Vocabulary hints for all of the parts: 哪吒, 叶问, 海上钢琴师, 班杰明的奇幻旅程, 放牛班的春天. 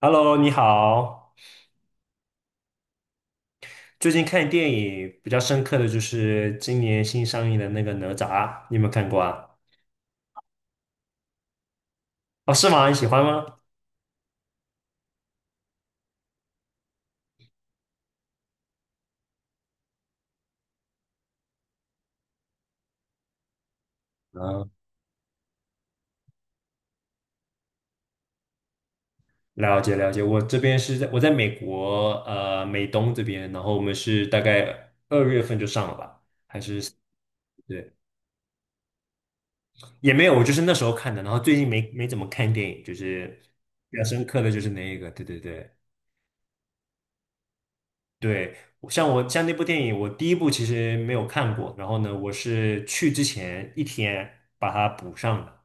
Hello，你好。最近看电影比较深刻的就是今年新上映的那个《哪吒》，你有没有看过啊？哦，是吗？你喜欢吗？嗯，了解了解。我这边是在我在美国，美东这边，然后我们是大概二月份就上了吧？对，也没有，我就是那时候看的，然后最近没怎么看电影，就是比较深刻的就是那一个，对对对。对，我像那部电影，我第一部其实没有看过，然后呢，我是去之前一天把它补上的。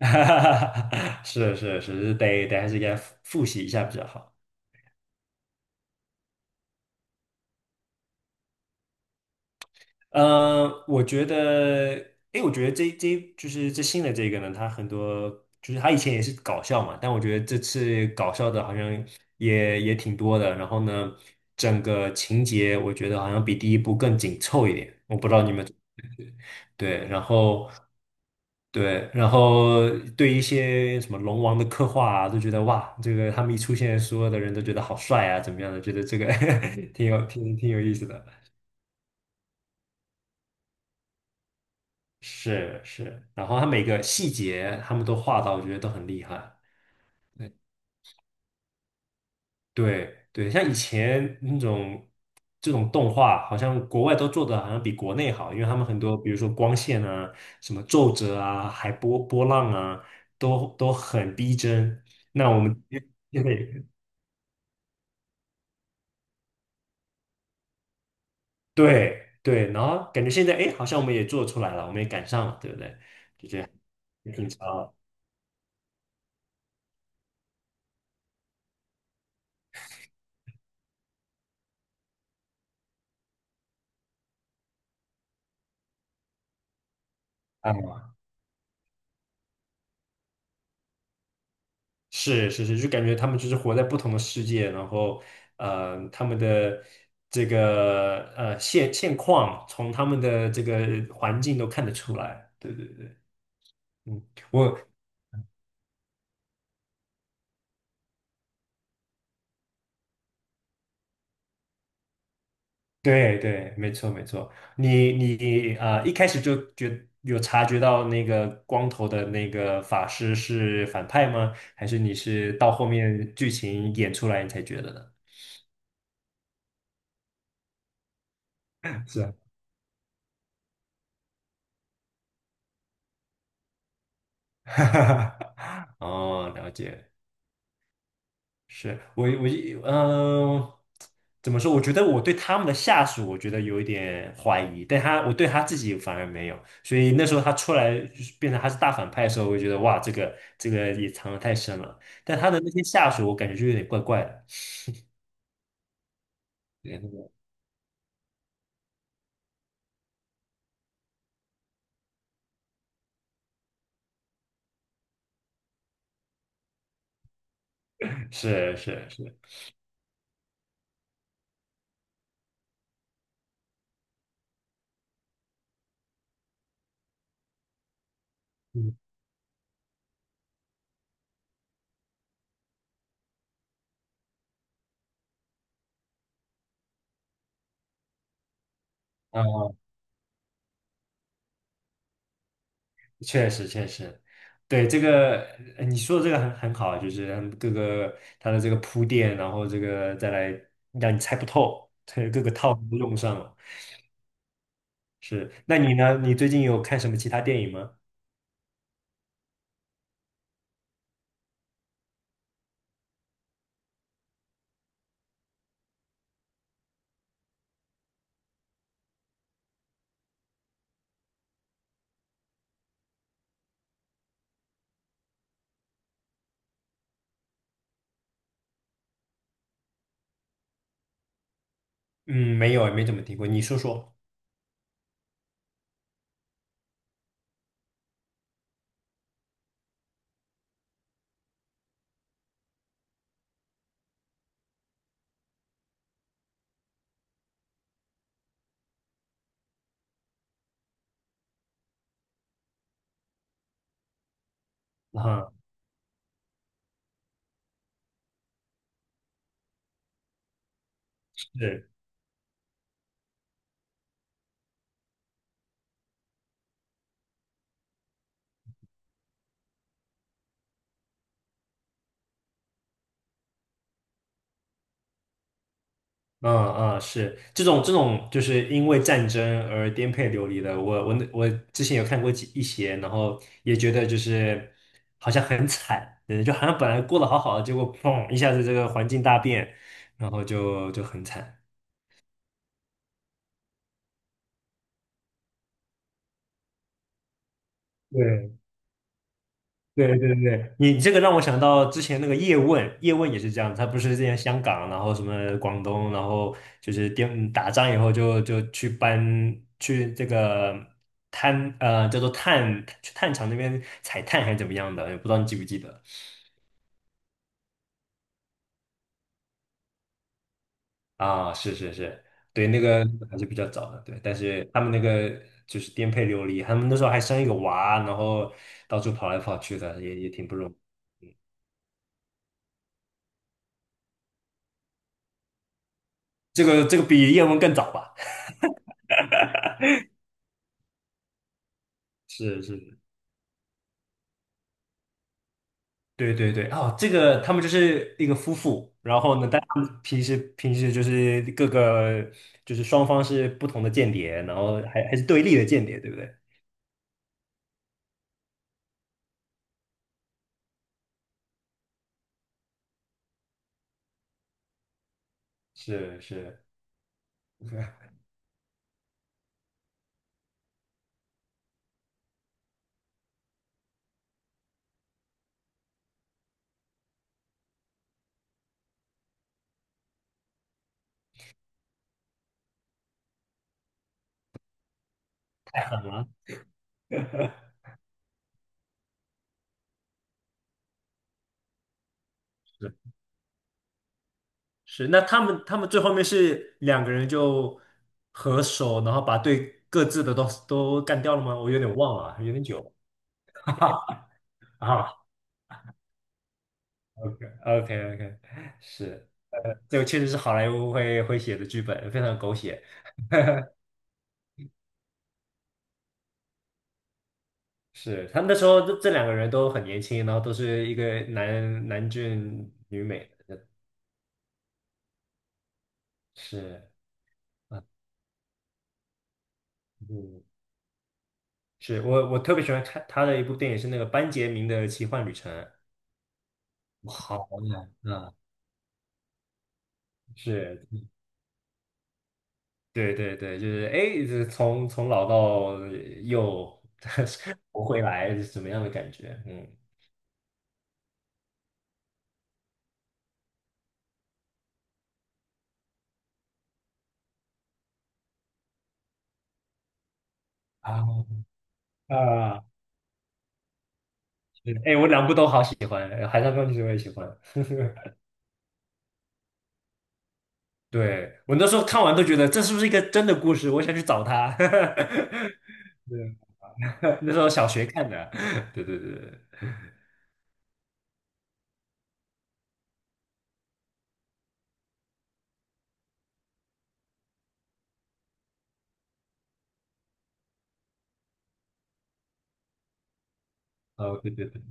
是是是，得还是应该复习一下比较好。我觉得，诶，我觉得这就是这新的这个呢，它很多就是它以前也是搞笑嘛，但我觉得这次搞笑的好像也挺多的。然后呢，整个情节我觉得好像比第一部更紧凑一点，我不知道你们对，然后。对，然后对一些什么龙王的刻画啊，都觉得哇，这个他们一出现，所有的人都觉得好帅啊，怎么样的？觉得这个 挺有意思的。是是，然后他每个细节他们都画到，我觉得都很厉害。对对，像以前那种这种动画，好像国外都做的好像比国内好，因为他们很多，比如说光线啊、什么皱褶啊、海波波浪啊，都很逼真。那我们 因为。对对，然后感觉现在哎，诶好像我们也做出来了，我们也赶上了，对不对？也挺长。的。啊，是是是，就感觉他们就是活在不同的世界，然后他们的这个现况，从他们的这个环境都看得出来。对对对，嗯，我对对，没错没错，你啊，一开始就觉有察觉到那个光头的那个法师是反派吗？还是你是到后面剧情演出来你才觉得的？是啊，哦，了解。是我嗯、呃怎么说？我觉得我对他们的下属，我觉得有一点怀疑，但他我对他自己反而没有。所以那时候他出来就是变成他是大反派的时候，我就觉得哇，这个这个也藏的太深了。但他的那些下属，我感觉就有点怪怪的。对那个是是是，嗯嗯，确实确实，对这个你说的这个很好，就是他们各个他的这个铺垫，然后这个再来让你猜不透，这各个套路都用上了。是，那你呢？你最近有看什么其他电影吗？嗯，没有，没怎么听过。你说说。啊？是，嗯嗯是，这种就是因为战争而颠沛流离的，我之前有看过几一些，然后也觉得就是好像很惨，对，就好像本来过得好好的，结果砰一下子这个环境大变，然后就很惨。对对对对，你这个让我想到之前那个叶问，叶问也是这样，他不是之前香港，然后什么广东，然后就是打仗以后就去搬去这个叫做炭去炭厂那边采炭还是怎么样的，也不知道你记不记得啊？是是是，对，那个还是比较早的，对，但是他们那个就是颠沛流离，他们那时候还生一个娃，然后到处跑来跑去的，也挺不容易，这个这个比叶问更早吧？是是。对对对，哦，这个他们就是一个夫妇，然后呢，但他们平时就是各个就是双方是不同的间谍，然后还是对立的间谍，对不对？是是，了是是，那他们他们最后面是两个人就合手，然后把对各自的都干掉了吗？我有点忘了，有点久了 啊。OK OK OK,是，这个确实是好莱坞会写的剧本，非常狗血。是，他们那时候这两个人都很年轻，然后都是一个男男俊女美的，是啊，嗯，是我特别喜欢看他的一部电影是那个班杰明的奇幻旅程，好呀，啊，是，对对对，就是哎，这从老到又活回来是什么样的感觉？嗯啊啊，哎，我两部都好喜欢，《海上钢琴师》我也喜欢，对，我那时候看完都觉得这是不是一个真的故事？我想去找他。对，那时候小学看的。对对对对，哦对对对，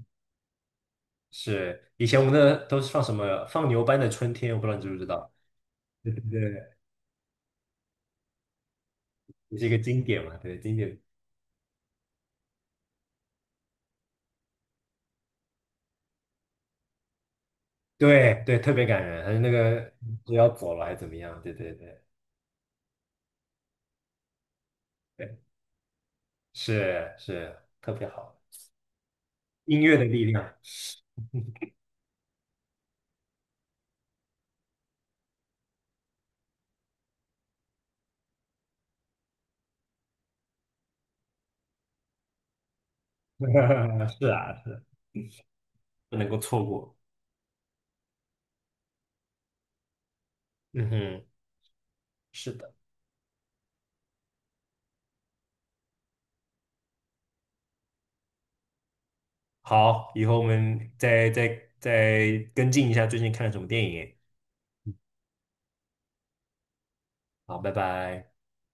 是以前我们那都是放什么放牛班的春天，我不知道你知不知道？对对对，也是一个经典嘛，对经典，对对，特别感人。还有那个不要走了还是怎么样？对对对对，是是特别好，音乐的力量，是啊是，不能够错过。嗯哼，是的。好，以后我们再跟进一下最近看了什么电影。好，拜拜。